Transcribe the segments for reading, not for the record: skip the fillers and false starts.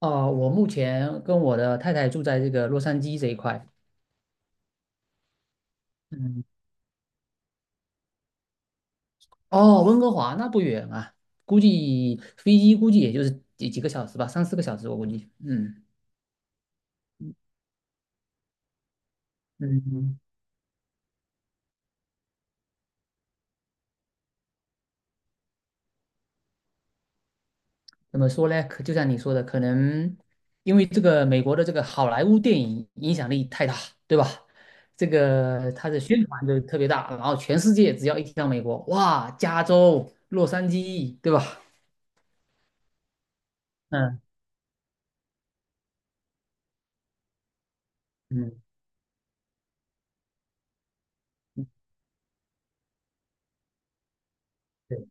哦，我目前跟我的太太住在这个洛杉矶这一块。嗯。哦，温哥华那不远啊，估计飞机估计也就是几个小时吧，三四个小时我估计。嗯嗯。怎么说呢？可就像你说的，可能因为这个美国的这个好莱坞电影影响力太大，对吧？这个它的宣传就特别大，然后全世界只要一提到美国，哇，加州、洛杉矶，对吧？嗯嗯。嗯，对。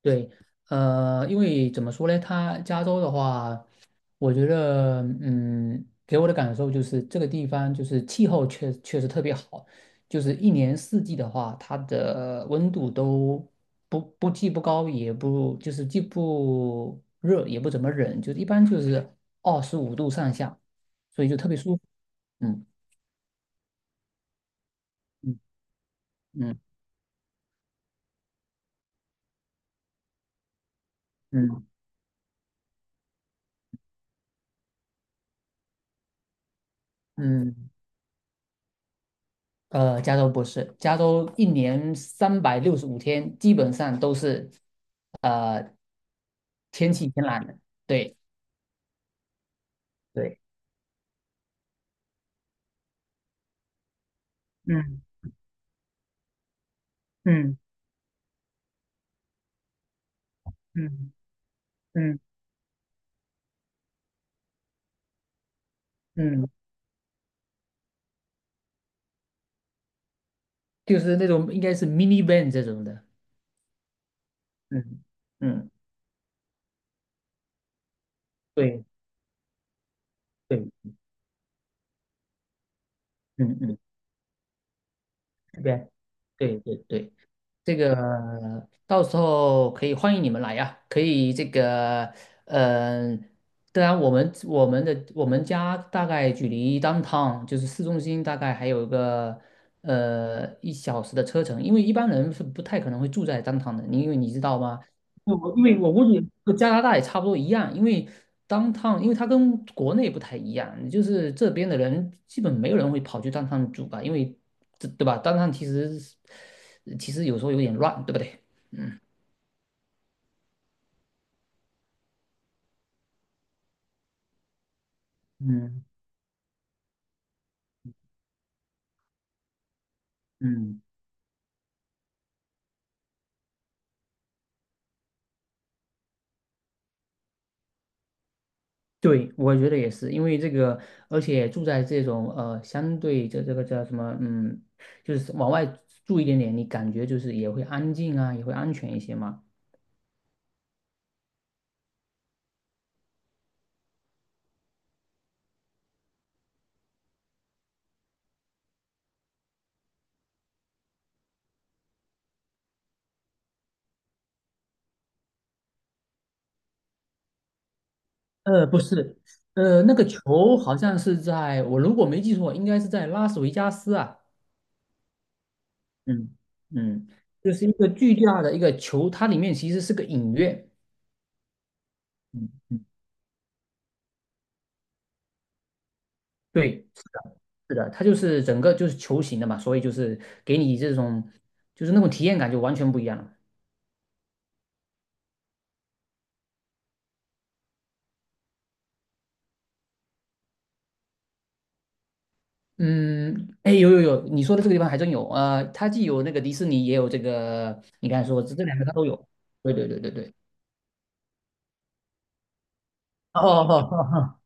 对，因为怎么说呢，它加州的话，我觉得，嗯，给我的感受就是这个地方就是气候确实特别好，就是一年四季的话，它的温度都不不既不高也不就是既不热也不怎么冷，就是一般就是25度上下，所以就特别舒服。嗯嗯嗯嗯嗯。加州不是，加州一年365天基本上都是呃天气晴朗的，对对。嗯嗯嗯嗯嗯，就是那种应该是 minivan 这种的。嗯嗯，对对。嗯嗯，这边对对对。这个到时候可以欢迎你们来呀，可以这个，嗯、当然我们家大概距离 downtown 就是市中心大概还有个1小时的车程，因为一般人是不太可能会住在 downtown 的，因为你知道吗？对，因为我估计和加拿大也差不多一样，因为当趟，因为它跟国内不太一样，就是这边的人基本没有人会跑去当趟住吧，因为这对吧？当趟其实有时候有点乱，对不对？嗯嗯嗯，对，我觉得也是，因为这个，而且住在这种相对这个叫什么，嗯，就是往外住一点点，你感觉就是也会安静啊，也会安全一些嘛。不是，那个球好像是在我如果没记错，应该是在拉斯维加斯啊，嗯嗯。就是一个巨大的一个球，它里面其实是个影院。嗯嗯，对，是的，是的，它就是整个就是球形的嘛，所以就是给你这种就是那种体验感就完全不一样了。嗯，哎，有有有，你说的这个地方还真有，它既有那个迪士尼，也有这个，你刚才说这两个它都有。对对对对对。哦哦哦哦，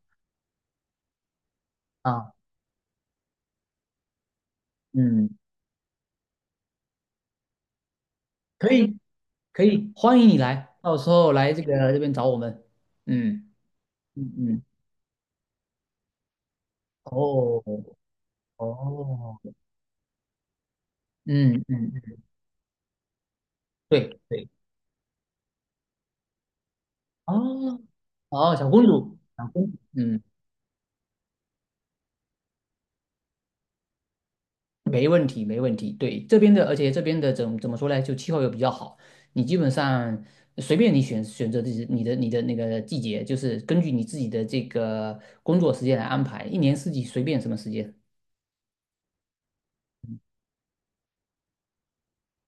哦啊，嗯，可以可以，欢迎你来，到时候来这个这边找我们。嗯嗯嗯，哦哦，嗯嗯，嗯对对，哦哦，小公主，小公主，嗯，没问题没问题。对，这边的，而且这边的怎么说呢？就气候又比较好，你基本上随便你选择自己你的那个季节，就是根据你自己的这个工作时间来安排，一年四季随便什么时间。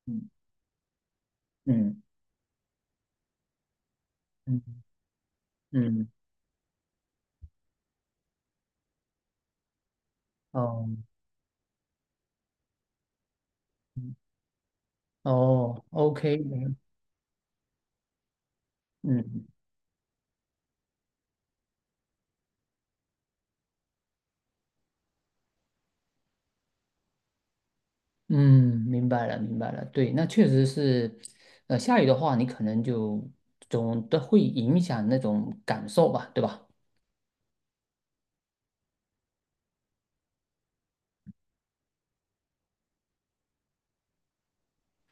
嗯嗯嗯嗯，哦。嗯哦，OK，嗯嗯，明白了，明白了。对，那确实是，下雨的话，你可能就总的会影响那种感受吧，对吧？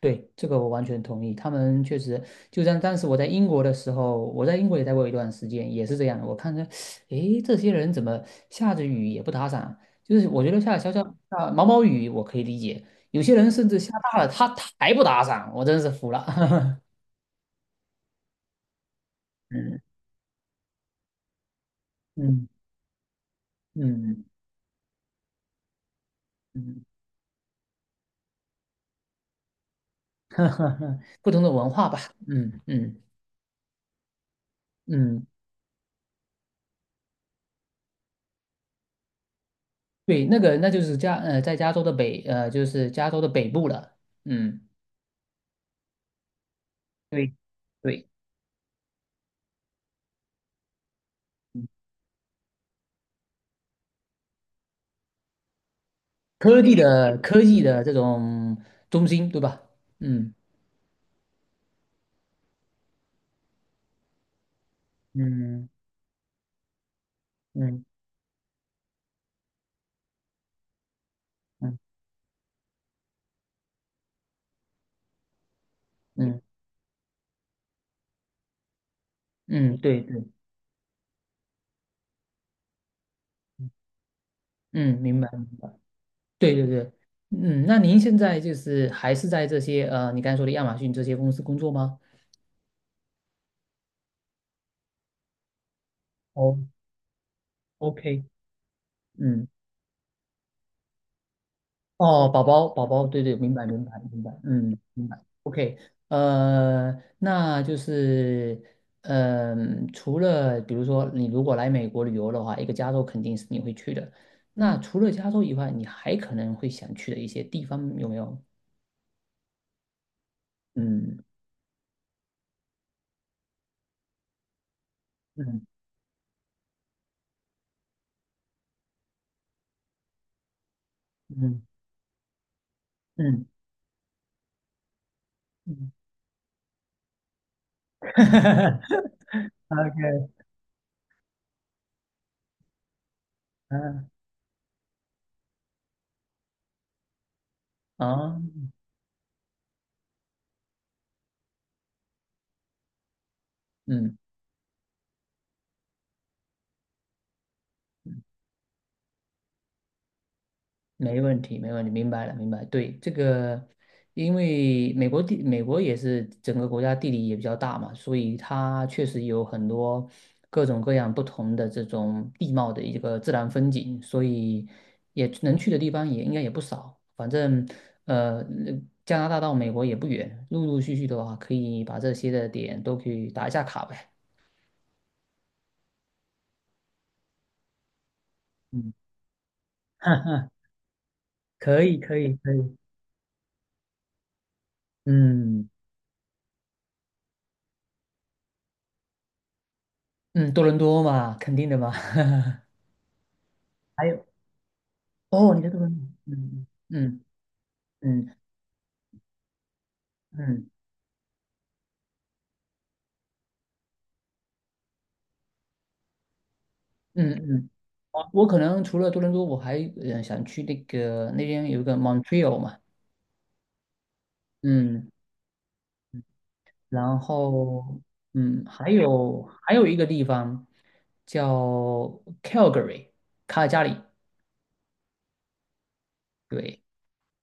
对，这个我完全同意。他们确实，就像当时我在英国的时候，我在英国也待过一段时间，也是这样的。我看着，诶，这些人怎么下着雨也不打伞？就是我觉得下小小毛毛雨我可以理解，有些人甚至下大了，他还不打伞，我真是服了。嗯嗯嗯嗯。不同的文化吧，嗯嗯嗯，对，那个那就是在加州的北呃，就是加州的北部了，嗯，对对，嗯科技的这种中心，对吧？嗯嗯嗯嗯嗯嗯，对对，嗯，明白明白，对对对，嗯，那您现在就是还是在这些你刚才说的亚马逊这些公司工作吗？哦，OK，嗯。哦，宝宝，宝宝，对对，明白，明白，明白，嗯，明白。OK，呃，那就是，嗯、除了比如说你如果来美国旅游的话，一个加州肯定是你会去的。那除了加州以外，你还可能会想去的一些地方有没有？嗯嗯嗯嗯嗯 ，OK，嗯啊，嗯。没问题，没问题，明白了，明白。对，这个，因为美国也是整个国家地理也比较大嘛，所以它确实有很多各种各样不同的这种地貌的一个自然风景，所以也能去的地方也应该也不少。反正，呃，加拿大到美国也不远，陆陆续续的话，可以把这些的点都可以打一下卡呗。嗯，哈哈，可以，可以，可以。嗯嗯，多伦多嘛，肯定的嘛。还有。哦，你在多伦多，嗯嗯嗯嗯嗯嗯嗯，我可能除了多伦多，我还想去那个那边有一个 Montreal 嘛，嗯，然后嗯，还有还有一个地方叫 Calgary 卡尔加里，对，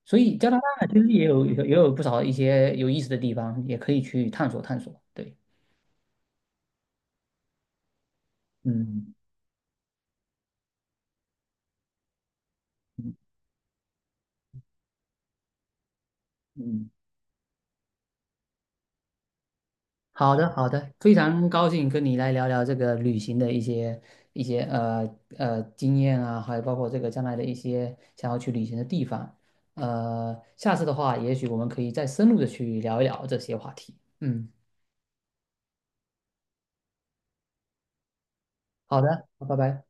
所以加拿大其实也有不少一些有意思的地方，也可以去探索探索，对，嗯嗯嗯。好的，好的，非常高兴跟你来聊聊这个旅行的一些经验啊，还有包括这个将来的一些想要去旅行的地方。下次的话，也许我们可以再深入的去聊一聊这些话题。嗯，好的，拜拜。